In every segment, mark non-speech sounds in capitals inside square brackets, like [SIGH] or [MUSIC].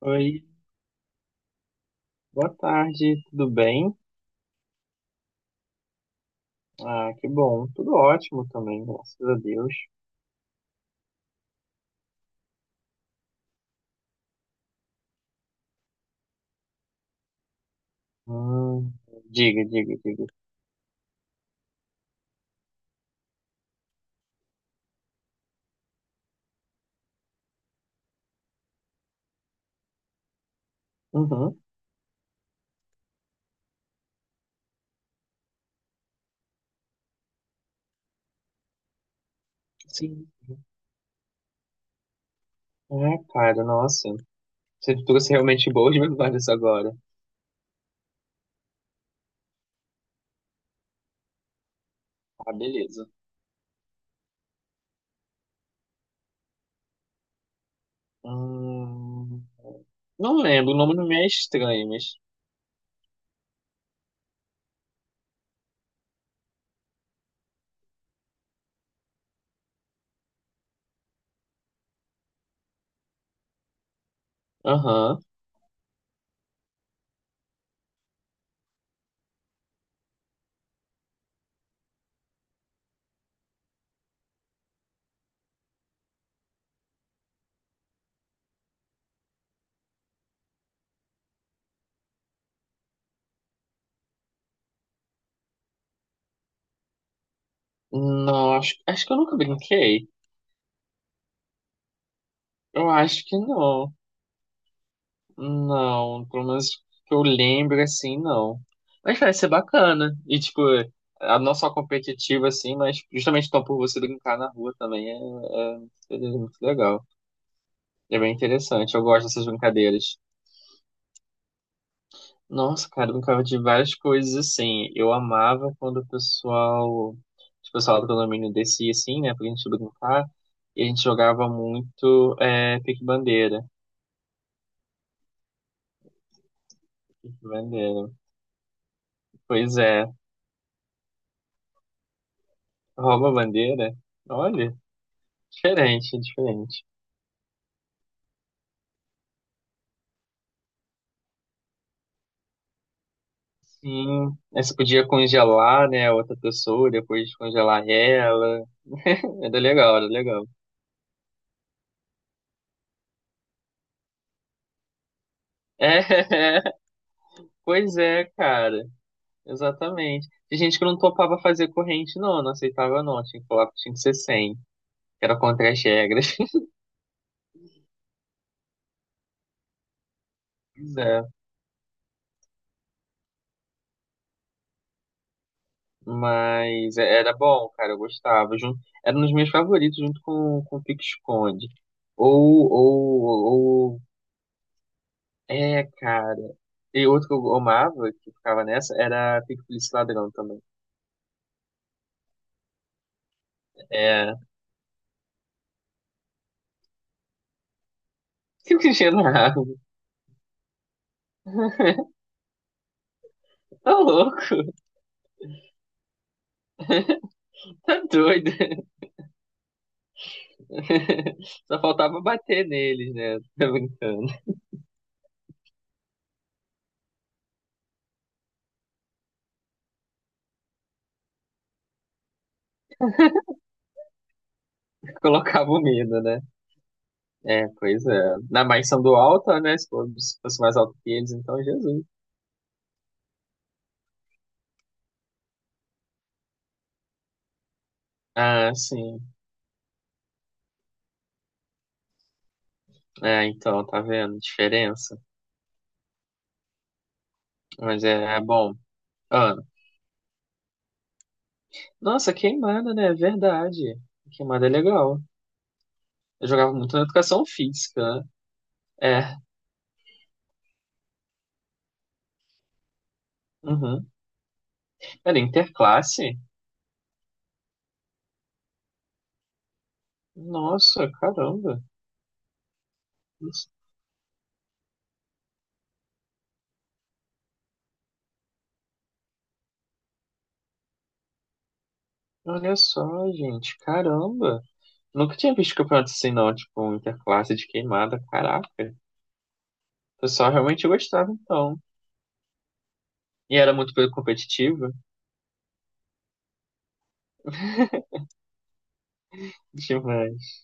Oi, boa tarde, tudo bem? Ah, que bom, tudo ótimo também, graças a Deus. Hum, diga, diga, diga. Uhum, sim. É, cara, nossa, você trouxe realmente boas [LAUGHS] memórias agora. Ah, beleza. Hum, não lembro, o nome não me é estranho, mas... Aham. Não, acho que eu nunca brinquei. Eu acho que não. Não, pelo menos que eu lembro assim, não. Mas vai ser bacana. E tipo, a não só competitiva assim, mas justamente então por você brincar na rua também é muito legal. É bem interessante. Eu gosto dessas brincadeiras. Nossa, cara, eu brincava de várias coisas assim. Eu amava quando o pessoal, tipo, o pessoal do condomínio descia assim, né, pra gente brincar. E a gente jogava muito pique-bandeira. Pique-bandeira. Pois é, rouba-bandeira. Olha. Diferente, diferente. Sim, aí você podia congelar, né, a outra pessoa, depois descongelar ela. Era legal, era legal. É, [LAUGHS] pois é, cara. Exatamente. Tem gente que não topava fazer corrente, não, não aceitava, não. Tinha que falar que tinha que ser 100, que era contra as regras. [LAUGHS] Pois é. Era bom, cara, eu gostava. Jun- Era um dos meus favoritos, junto com o Pique-Esconde. Ou, é, cara. E outro que eu amava, que ficava nessa, era Pique Polícia e Ladrão também. É. Fico enchendo a água. [LAUGHS] Tá louco, tá doido. [LAUGHS] Só faltava bater neles, né? Tá brincando. Colocava o medo, né? É, pois é. Na mais são do alto, né? Se fosse mais alto que eles, então Jesus. Ah, sim. É, então, tá vendo? Diferença. Mas é, é bom. Ah, nossa, queimada, né? É verdade. Queimada é legal. Eu jogava muito na educação física, né? É, uhum. Cara, interclasse? Nossa, caramba. Isso- Olha só, gente, caramba. Nunca tinha visto campeonato assim, não, tipo, um interclasse de queimada, caraca. O pessoal realmente gostava, então. E era muito competitivo, demais.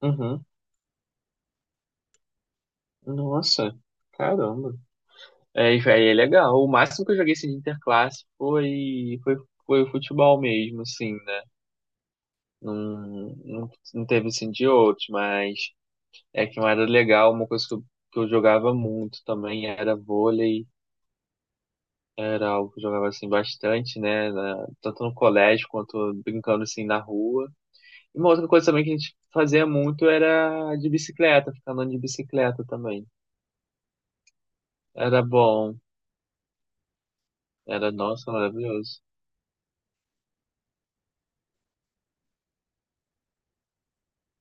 Uhum. Nossa, caramba. É, e, véi, é legal. O máximo que eu joguei, assim, de interclasse foi futebol mesmo, assim, né? Não, não, não teve, assim, de outros, mas... É que não era legal, uma coisa que eu jogava muito também era vôlei, era algo que eu jogava assim bastante, né? na- tanto no colégio quanto brincando assim na rua. E uma outra coisa também que a gente fazia muito era de bicicleta, ficar andando de bicicleta também. Era bom, era, nossa, maravilhoso.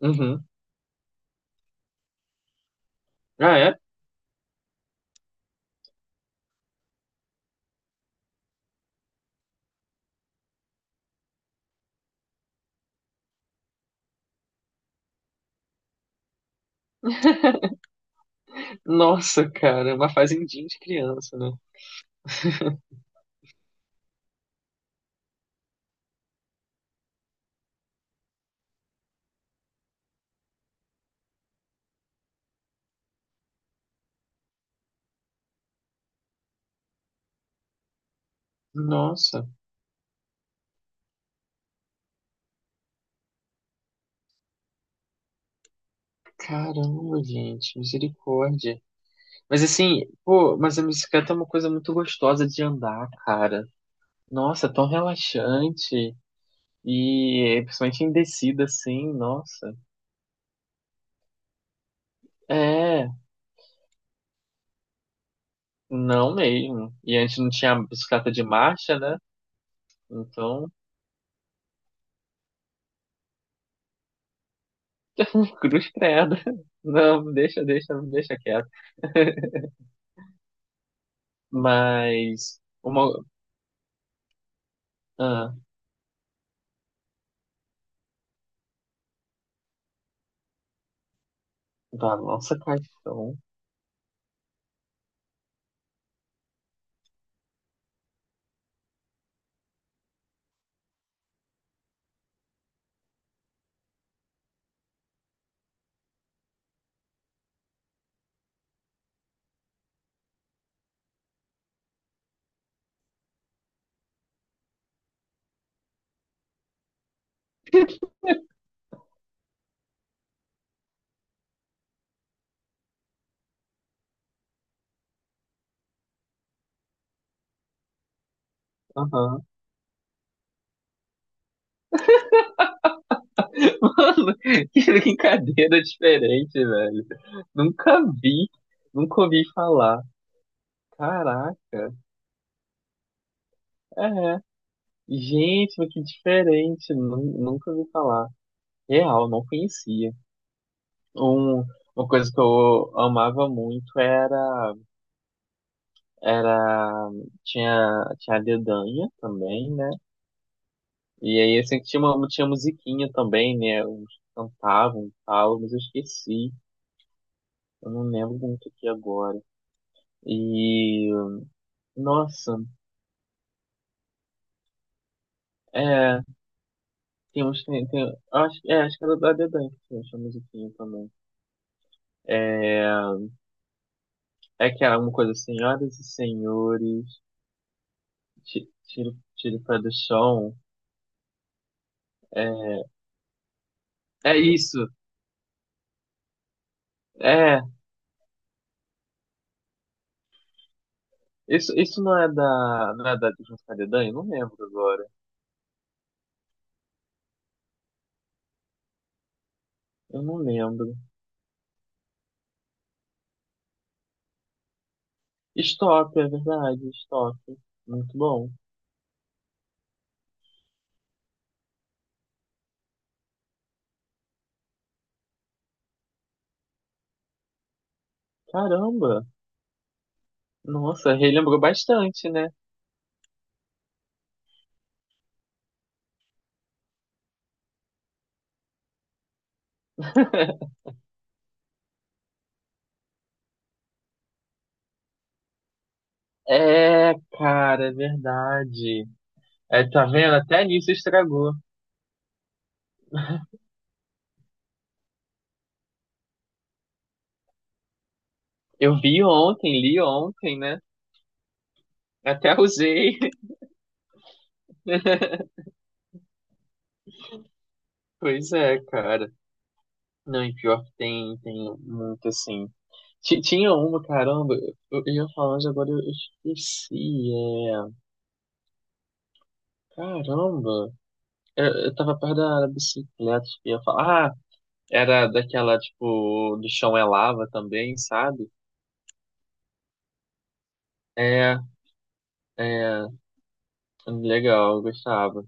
Uhum. Ah, é? Nossa, cara, é uma fazendinha de criança, né? [LAUGHS] Nossa, caramba, gente, misericórdia. Mas assim, pô, mas a bicicleta é uma coisa muito gostosa de andar, cara. Nossa, é tão relaxante. E principalmente em descida, assim, nossa. É, não mesmo. E antes não tinha bicicleta de marcha, né? Então, [LAUGHS] cruz credo. Não, deixa quieto. [LAUGHS] Mas, uma. Ah, da nossa caixão. [LAUGHS] Mano, [LAUGHS] que brincadeira diferente, velho. Nunca vi, nunca ouvi falar. Caraca, é. Gente, mas que diferente. Nu- Nunca ouvi falar. Real, não conhecia. Um, uma coisa que eu amava muito era, tinha, tinha a dedanha também, né? E aí, assim, tinha uma, tinha musiquinha também, né? Uns cantavam e tal, mas eu esqueci. Eu não lembro muito aqui agora. E nossa, é, tem uns, tem, acho, é, acho que era da Dedan que tinha essa musiquinha também. É, é que era uma coisa, assim, senhoras e senhores, ti- tiro o pé do chão. É é, isso, é, isso, não é da de Junto com a Dedan? Eu não lembro agora, eu não lembro. Stop, é verdade, stop, muito bom. Caramba, nossa, relembrou bastante, né? É, cara, é verdade. É, tá vendo? Até nisso estragou. Eu vi ontem, li ontem, né? Até usei. [LAUGHS] Pois é, cara. Não, e pior que tem, tem muito assim. Ti- Tinha uma, caramba, eu ia falando agora, eu esqueci. É... Caramba, eu tava perto da bicicleta, eu ia falar. Ah, era daquela, tipo, do chão é lava também, sabe? É, é, legal, eu gostava.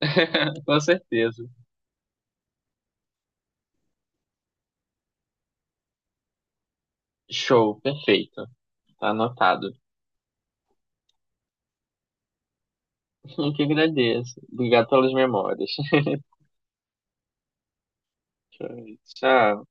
[LAUGHS] Com certeza. Show, perfeito. Tá anotado. Eu que agradeço. Obrigado pelas memórias. [LAUGHS] Tchau.